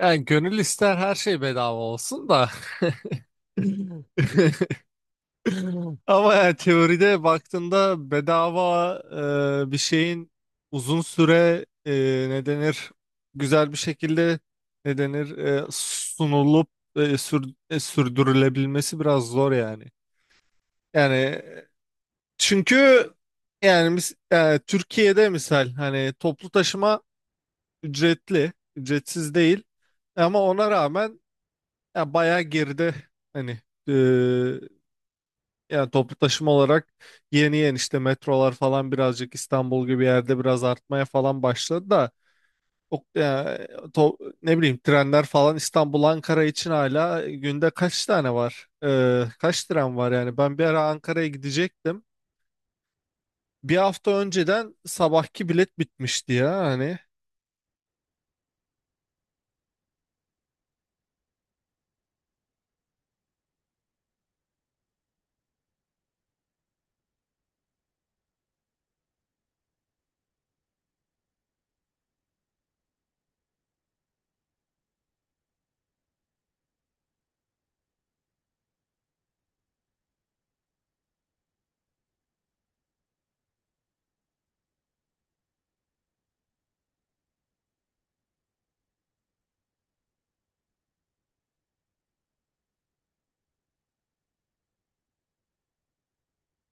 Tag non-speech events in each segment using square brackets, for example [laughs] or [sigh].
Yani gönül ister her şey bedava olsun da. [laughs] Ama yani teoride baktığında bedava bir şeyin uzun süre ne denir, güzel bir şekilde, ne denir, sunulup sürdürülebilmesi biraz zor yani. Yani çünkü yani mis- Türkiye'de misal hani toplu taşıma ücretli, ücretsiz değil, ama ona rağmen ya bayağı geride, hani, e, yani toplu taşıma olarak yeni yeni işte metrolar falan birazcık İstanbul gibi yerde biraz artmaya falan başladı da, o, ya, ne bileyim trenler falan, İstanbul Ankara için hala günde kaç tane var? Kaç tren var yani? Ben bir ara Ankara'ya gidecektim. Bir hafta önceden sabahki bilet bitmişti ya hani.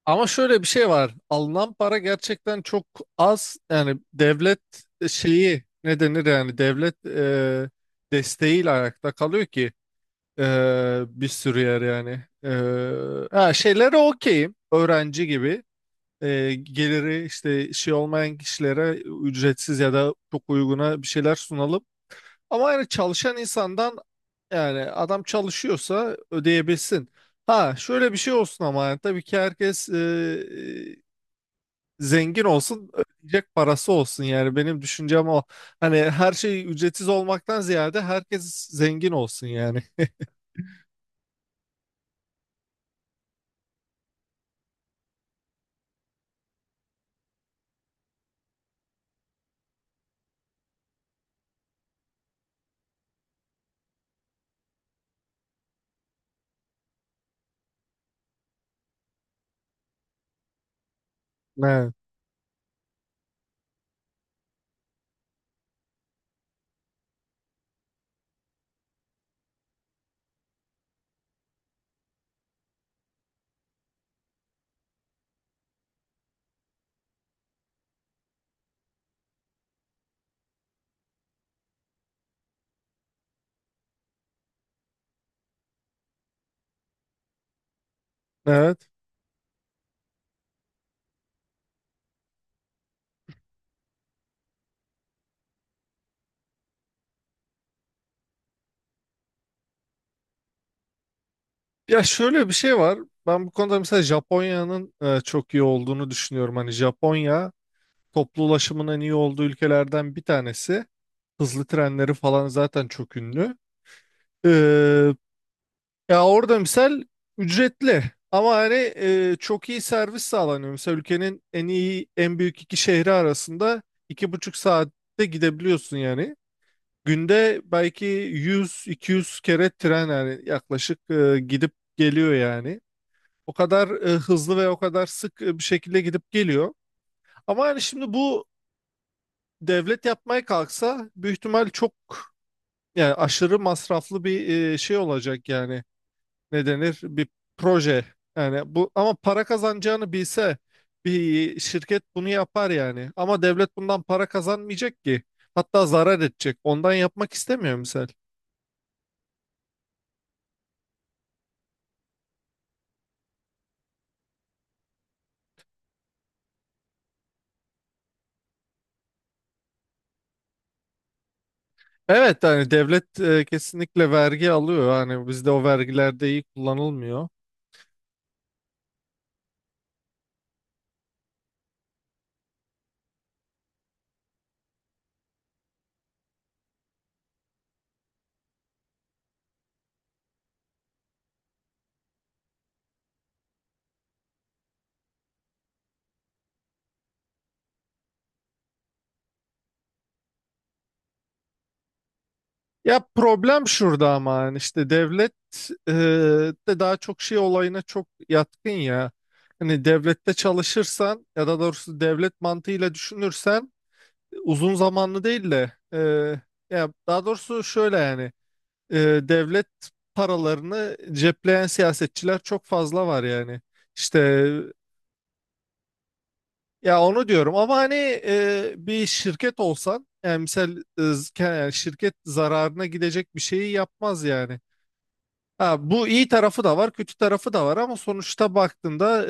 Ama şöyle bir şey var. Alınan para gerçekten çok az. Yani devlet şeyi, ne denir, yani devlet desteğiyle ayakta kalıyor ki, e, bir sürü yer yani. Şeylere okeyim. Öğrenci gibi. Geliri işte şey olmayan kişilere ücretsiz ya da çok uyguna bir şeyler sunalım. Ama yani çalışan insandan, yani adam çalışıyorsa ödeyebilsin. Ha şöyle bir şey olsun, ama yani tabii ki herkes zengin olsun, ödeyecek parası olsun, yani benim düşüncem o. Hani her şey ücretsiz olmaktan ziyade herkes zengin olsun yani. Evet. Evet. Ya şöyle bir şey var. Ben bu konuda mesela Japonya'nın çok iyi olduğunu düşünüyorum. Hani Japonya toplu ulaşımın en iyi olduğu ülkelerden bir tanesi. Hızlı trenleri falan zaten çok ünlü. Ee, Ya orada misal ücretli, ama hani çok iyi servis sağlanıyor. Mesela ülkenin en iyi, en büyük iki şehri arasında iki buçuk saatte gidebiliyorsun yani. Günde belki 100-200 kere tren, yani yaklaşık, gidip geliyor yani. O kadar hızlı ve o kadar sık bir şekilde gidip geliyor. Ama yani şimdi bu devlet yapmaya kalksa, büyük ihtimal çok, yani aşırı masraflı bir şey olacak yani. Ne denir, bir proje yani bu. Ama para kazanacağını bilse bir şirket bunu yapar yani, ama devlet bundan para kazanmayacak ki, hatta zarar edecek, ondan yapmak istemiyor misal. Evet, yani devlet kesinlikle vergi alıyor, yani bizde o vergiler de iyi kullanılmıyor. Ya problem şurada, ama yani işte devlet e, de daha çok şey olayına çok yatkın ya. Hani devlette çalışırsan ya da doğrusu devlet mantığıyla düşünürsen, uzun zamanlı değil de, ya daha doğrusu şöyle yani, e, devlet paralarını cepleyen siyasetçiler çok fazla var yani. İşte, ya onu diyorum, ama hani bir şirket olsan, yani misal, yani şirket zararına gidecek bir şeyi yapmaz yani. Ha, bu iyi tarafı da var, kötü tarafı da var, ama sonuçta baktığında,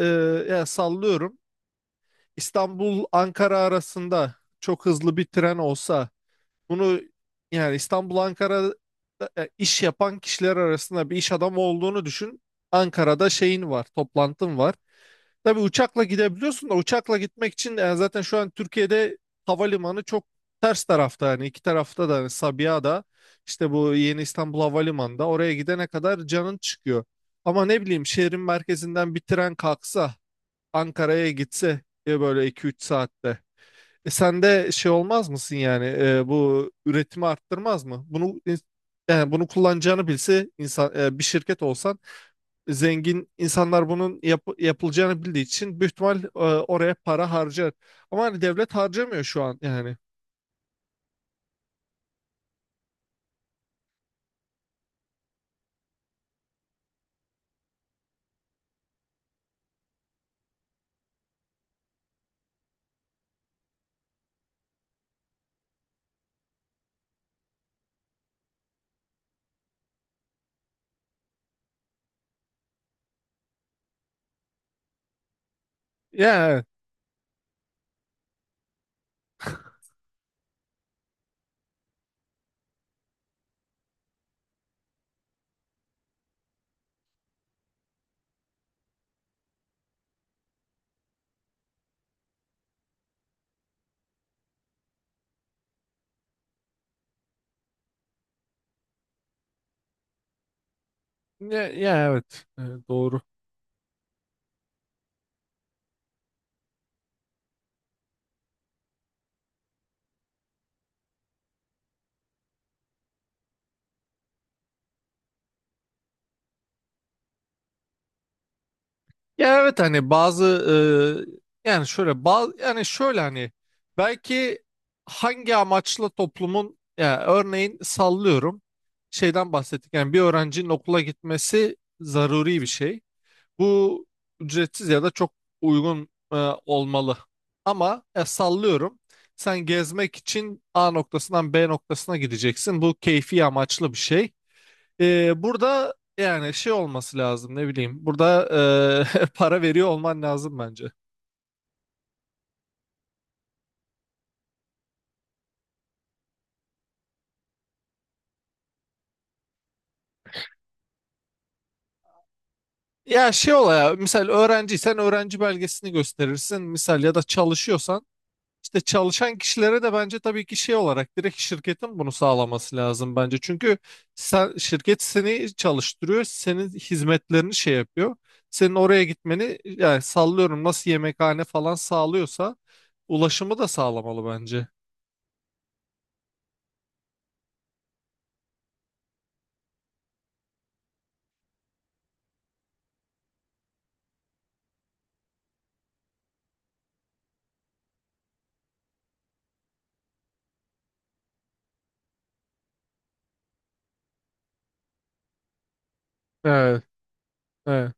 ya sallıyorum, İstanbul Ankara arasında çok hızlı bir tren olsa. Bunu, yani İstanbul Ankara'da iş yapan kişiler arasında bir iş adamı olduğunu düşün. Ankara'da şeyin var, toplantın var. Tabii uçakla gidebiliyorsun da, uçakla gitmek için yani zaten şu an Türkiye'de havalimanı çok ters tarafta, yani iki tarafta da hani Sabiha'da, işte bu Yeni İstanbul Havalimanı'nda, oraya gidene kadar canın çıkıyor. Ama ne bileyim, şehrin merkezinden bir tren kalksa Ankara'ya gitse diye, böyle iki üç saatte. E sen de şey olmaz mısın yani, bu üretimi arttırmaz mı? Yani bunu kullanacağını bilse insan, bir şirket olsan, zengin insanlar bunun yapılacağını bildiği için büyük ihtimal oraya para harcar. Ama hani devlet harcamıyor şu an yani. Ya evet. Ya, ya evet. Doğru. Ya evet, hani bazı, yani şöyle bazı, yani şöyle hani belki, hangi amaçla toplumun, ya örneğin sallıyorum, şeyden bahsettik, yani bir öğrencinin okula gitmesi zaruri bir şey. Bu ücretsiz ya da çok uygun olmalı. Ama, sallıyorum, sen gezmek için A noktasından B noktasına gideceksin. Bu keyfi amaçlı bir şey. Burada yani şey olması lazım, ne bileyim. Burada [laughs] para veriyor olman lazım bence. Ya şey ola, ya misal öğrenciysen öğrenci belgesini gösterirsin. Misal ya da çalışıyorsan, işte çalışan kişilere de bence tabii ki şey olarak direkt şirketin bunu sağlaması lazım bence. Çünkü sen, şirket seni çalıştırıyor, senin hizmetlerini şey yapıyor. Senin oraya gitmeni, yani sallıyorum, nasıl yemekhane falan sağlıyorsa ulaşımı da sağlamalı bence. Evet, evet.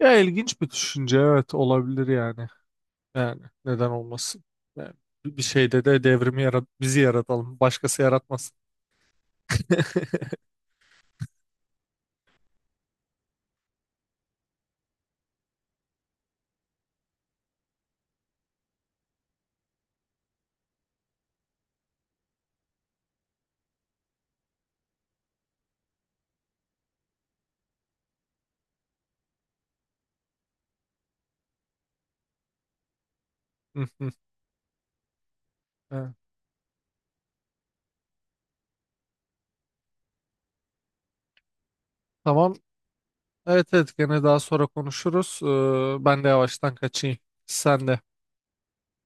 Ya ilginç bir düşünce, evet, olabilir yani. Yani neden olmasın? Yani bir şeyde de devrimi yarat, bizi yaratalım. Başkası yaratmasın. [laughs] Hı hı. Evet. Tamam. Evet, evet, gene daha sonra konuşuruz. Ben de yavaştan kaçayım. Sen de.